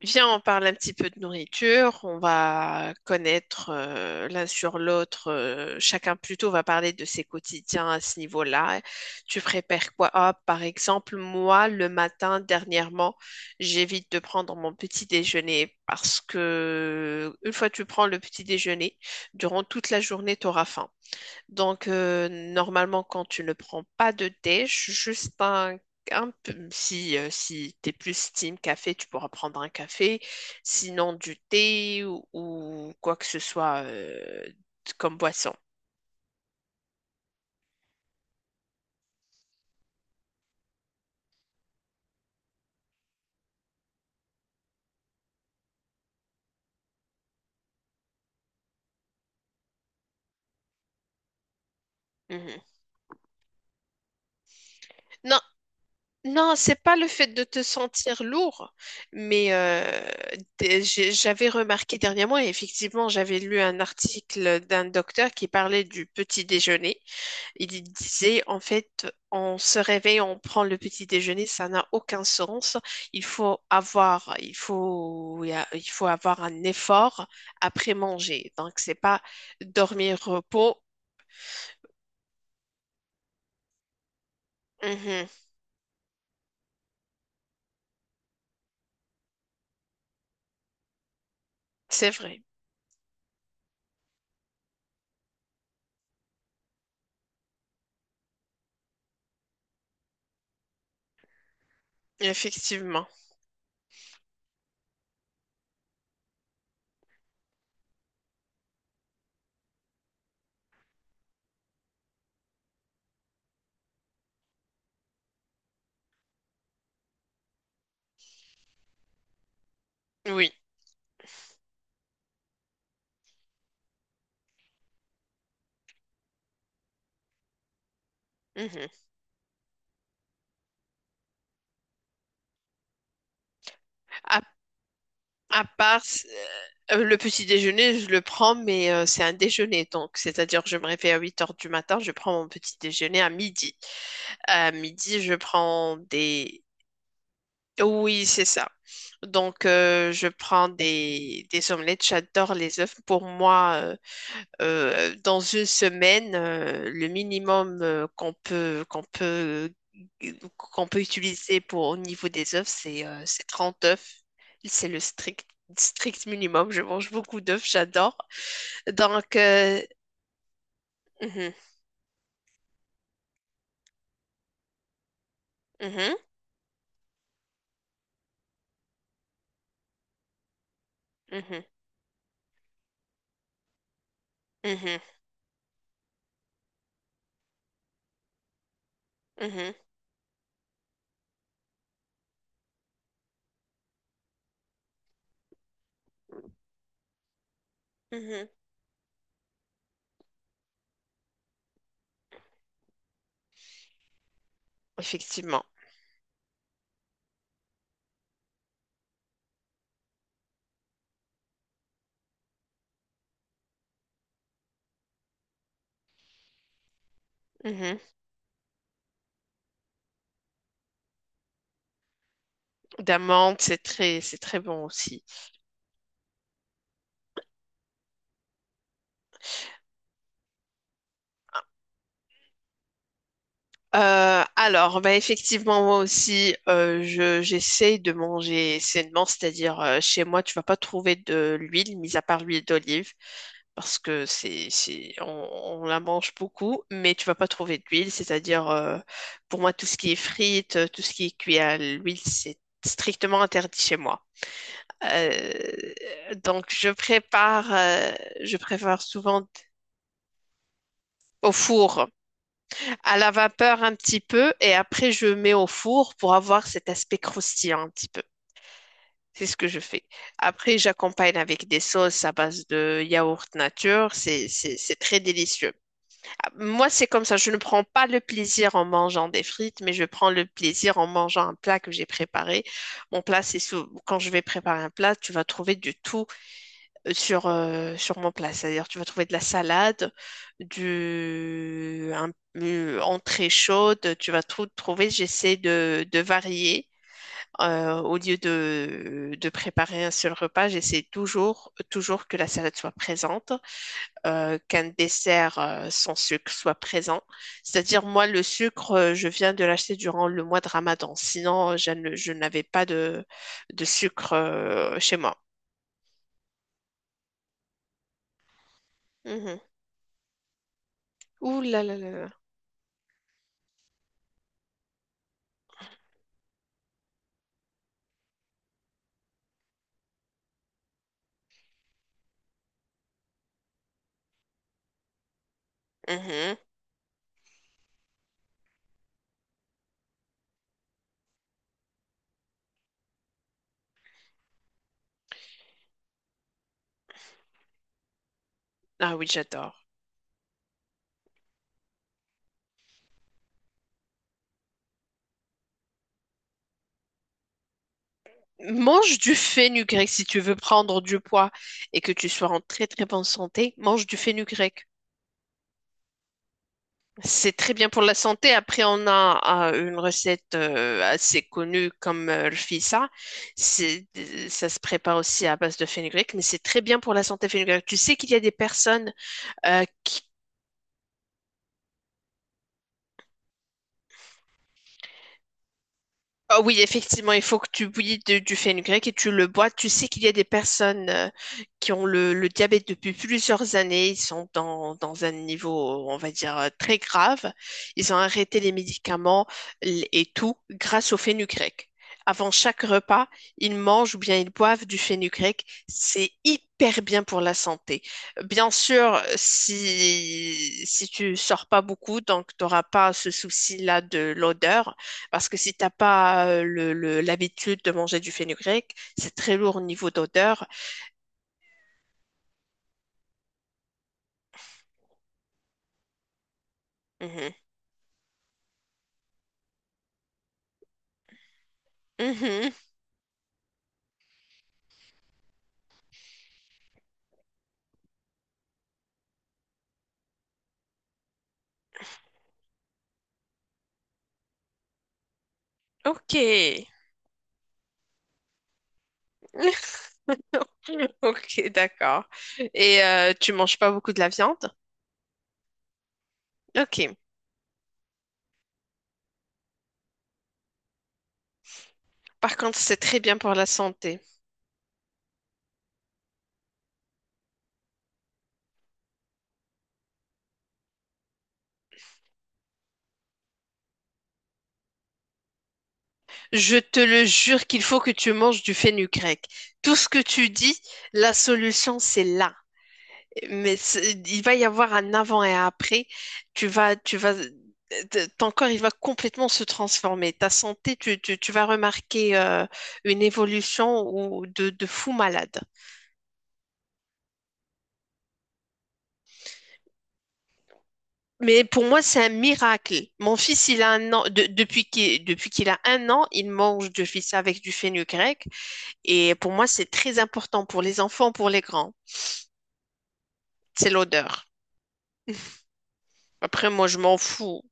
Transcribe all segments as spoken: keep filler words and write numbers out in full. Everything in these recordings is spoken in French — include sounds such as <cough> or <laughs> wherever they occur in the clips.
Viens, on parle un petit peu de nourriture. On va connaître euh, l'un sur l'autre. euh, chacun plutôt va parler de ses quotidiens à ce niveau-là. Tu prépares quoi? Ah, par exemple, moi, le matin, dernièrement, j'évite de prendre mon petit déjeuner parce que une fois que tu prends le petit déjeuner, durant toute la journée, tu auras faim. Donc, euh, normalement, quand tu ne prends pas de thé, ju- juste un, un peu, si, euh, si tu es plus team café, tu pourras prendre un café. Sinon, du thé ou, ou quoi que ce soit euh, comme boisson. Mhm. Non, non, c'est pas le fait de te sentir lourd, mais euh, d- j'ai- j'avais remarqué dernièrement, et effectivement, j'avais lu un article d'un docteur qui parlait du petit déjeuner. Il disait, en fait, on se réveille, on prend le petit déjeuner, ça n'a aucun sens. Il faut avoir, il faut, il faut avoir un effort après manger. Donc, c'est pas dormir, repos. Mhm. C'est vrai, effectivement. Oui. Mhm. À, à part euh, le petit déjeuner, je le prends, mais euh, c'est un déjeuner. Donc, c'est-à-dire, je me réveille à huit heures du matin, je prends mon petit déjeuner à midi. À midi, je prends des. Oui, c'est ça. Donc, euh, je prends des, des omelettes. J'adore les œufs. Pour moi, euh, euh, dans une semaine, euh, le minimum euh, qu'on peut, qu'on peut, qu'on peut utiliser pour, au niveau des œufs, c'est euh, c'est trente œufs. C'est le strict, strict minimum. Je mange beaucoup d'œufs. J'adore. Donc, euh, mhm, mhm, mhm, mhm, mhm, mhm. Effectivement. Mhm. D'amandes, c'est très, c'est très bon aussi. Euh, alors, bah effectivement, moi aussi, euh, je, j'essaye de manger sainement, c'est-à-dire euh, chez moi, tu vas pas trouver de l'huile, mis à part l'huile d'olive, parce que c'est, c'est, on, on la mange beaucoup, mais tu vas pas trouver d'huile, c'est-à-dire euh, pour moi, tout ce qui est frites, euh, tout ce qui est cuit à l'huile, c'est strictement interdit chez moi. Euh, donc, je prépare, euh, je prépare souvent au four. À la vapeur un petit peu et après je mets au four pour avoir cet aspect croustillant un petit peu. C'est ce que je fais. Après, j'accompagne avec des sauces à base de yaourt nature. C'est, c'est, c'est très délicieux. Moi, c'est comme ça. Je ne prends pas le plaisir en mangeant des frites, mais je prends le plaisir en mangeant un plat que j'ai préparé. Mon plat, c'est sou- quand je vais préparer un plat, tu vas trouver du tout sur, euh, sur mon plat. C'est-à-dire, tu vas trouver de la salade, du, un, une entrée chaude, tu vas tout trouver. J'essaie de, de varier. Euh, au lieu de, de préparer un seul repas, j'essaie toujours, toujours que la salade soit présente, euh, qu'un dessert euh, sans sucre soit présent. C'est-à-dire, moi, le sucre, euh, je viens de l'acheter durant le mois de Ramadan. Sinon, je ne- je n'avais pas de, de sucre euh, chez moi. Mhm. Ouh là là là là. Ah oui, j'adore. Mange du fenugrec si tu veux prendre du poids et que tu sois en très très bonne santé. Mange du fenugrec. C'est très bien pour la santé. Après, on a euh, une recette euh, assez connue comme euh, le fissa. C'est, Ça se prépare aussi à base de fenugrec, mais c'est très bien pour la santé fenugrec. Tu sais qu'il y a des personnes euh, qui. Ah oui, effectivement, il faut que tu bouillis de- du fenugrec et tu le bois. Tu sais qu'il y a des personnes euh, qui ont le, le diabète depuis plusieurs années. Ils sont dans, dans un niveau, on va dire, euh, très grave. Ils ont arrêté les médicaments l- et tout grâce au fenugrec. Avant chaque repas, ils mangent ou bien ils boivent du fenugrec. C'est hyper bien pour la santé. Bien sûr, si, si tu sors pas beaucoup, donc tu n'auras pas ce souci-là de l'odeur. Parce que si t'as pas euh, le, le- l'habitude de manger du fenugrec, c'est très lourd au niveau d'odeur. Mhm. Mhm. Ok, <laughs> ok, d'accord. Et euh, tu manges pas beaucoup de la viande? Ok. Par contre, c'est très bien pour la santé. Je te le jure qu'il faut que tu manges du fenugrec. Tout ce que tu dis, la solution, c'est là. Mais c'est- il va y avoir un avant et un après. Tu vas, tu vas, euh, t- ton corps, il va complètement se transformer. Ta santé, tu, tu- tu vas remarquer euh, une évolution ou de, de fou malade. Mais pour moi, c'est un miracle. Mon fils, il a un an, de- depuis qu'il, depuis qu'il a un an, il mange du fils avec du fenugrec. Et pour moi, c'est très important pour les enfants, pour les grands. C'est l'odeur. Après, moi, je m'en fous.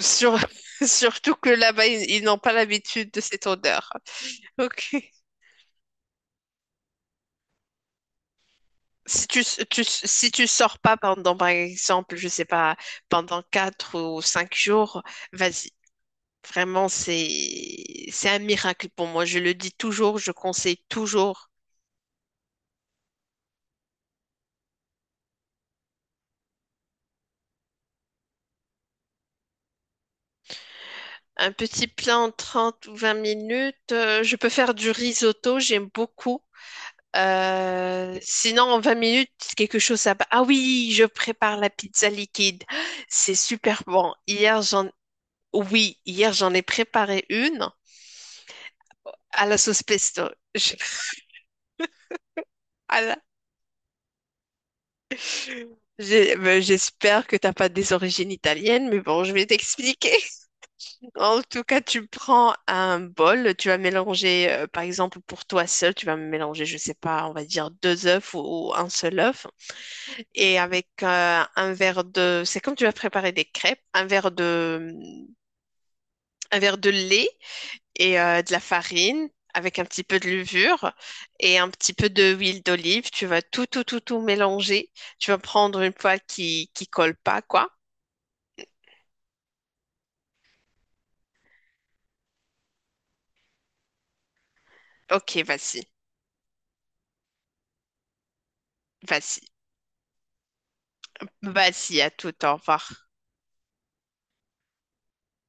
Sur- <laughs> surtout que là-bas, ils ils n'ont pas l'habitude de cette odeur. Ok. Si tu, tu si tu sors pas pendant, par exemple, je sais pas, pendant quatre ou cinq jours, vas-y. Vraiment, c'est, c'est un miracle pour moi. Je le dis toujours, je conseille toujours. Un petit plat en trente ou vingt minutes. euh, je peux faire du risotto, j'aime beaucoup. Euh, sinon, en vingt minutes, quelque chose à. Ah oui, je prépare la pizza liquide. C'est super bon. Hier, j'en. Oui, hier, j'en ai préparé une. À la sauce pesto. Je- à la- j'ai- ben, J'espère que t'as pas des origines italiennes, mais bon, je vais t'expliquer. <laughs> En tout cas, tu prends un bol, tu vas mélanger, euh, par exemple, pour toi seul, tu vas mélanger, je sais pas, on va dire deux œufs ou, ou un seul œuf, et avec euh, un verre de, c'est comme tu vas préparer des crêpes, un verre de, un verre de lait et euh, de la farine avec un petit peu de levure et un petit peu de huile d'olive. Tu vas tout, tout, tout, tout mélanger. Tu vas prendre une poêle qui qui colle pas, quoi. Ok, vas-y, vas-y, vas-y, à tout, au revoir.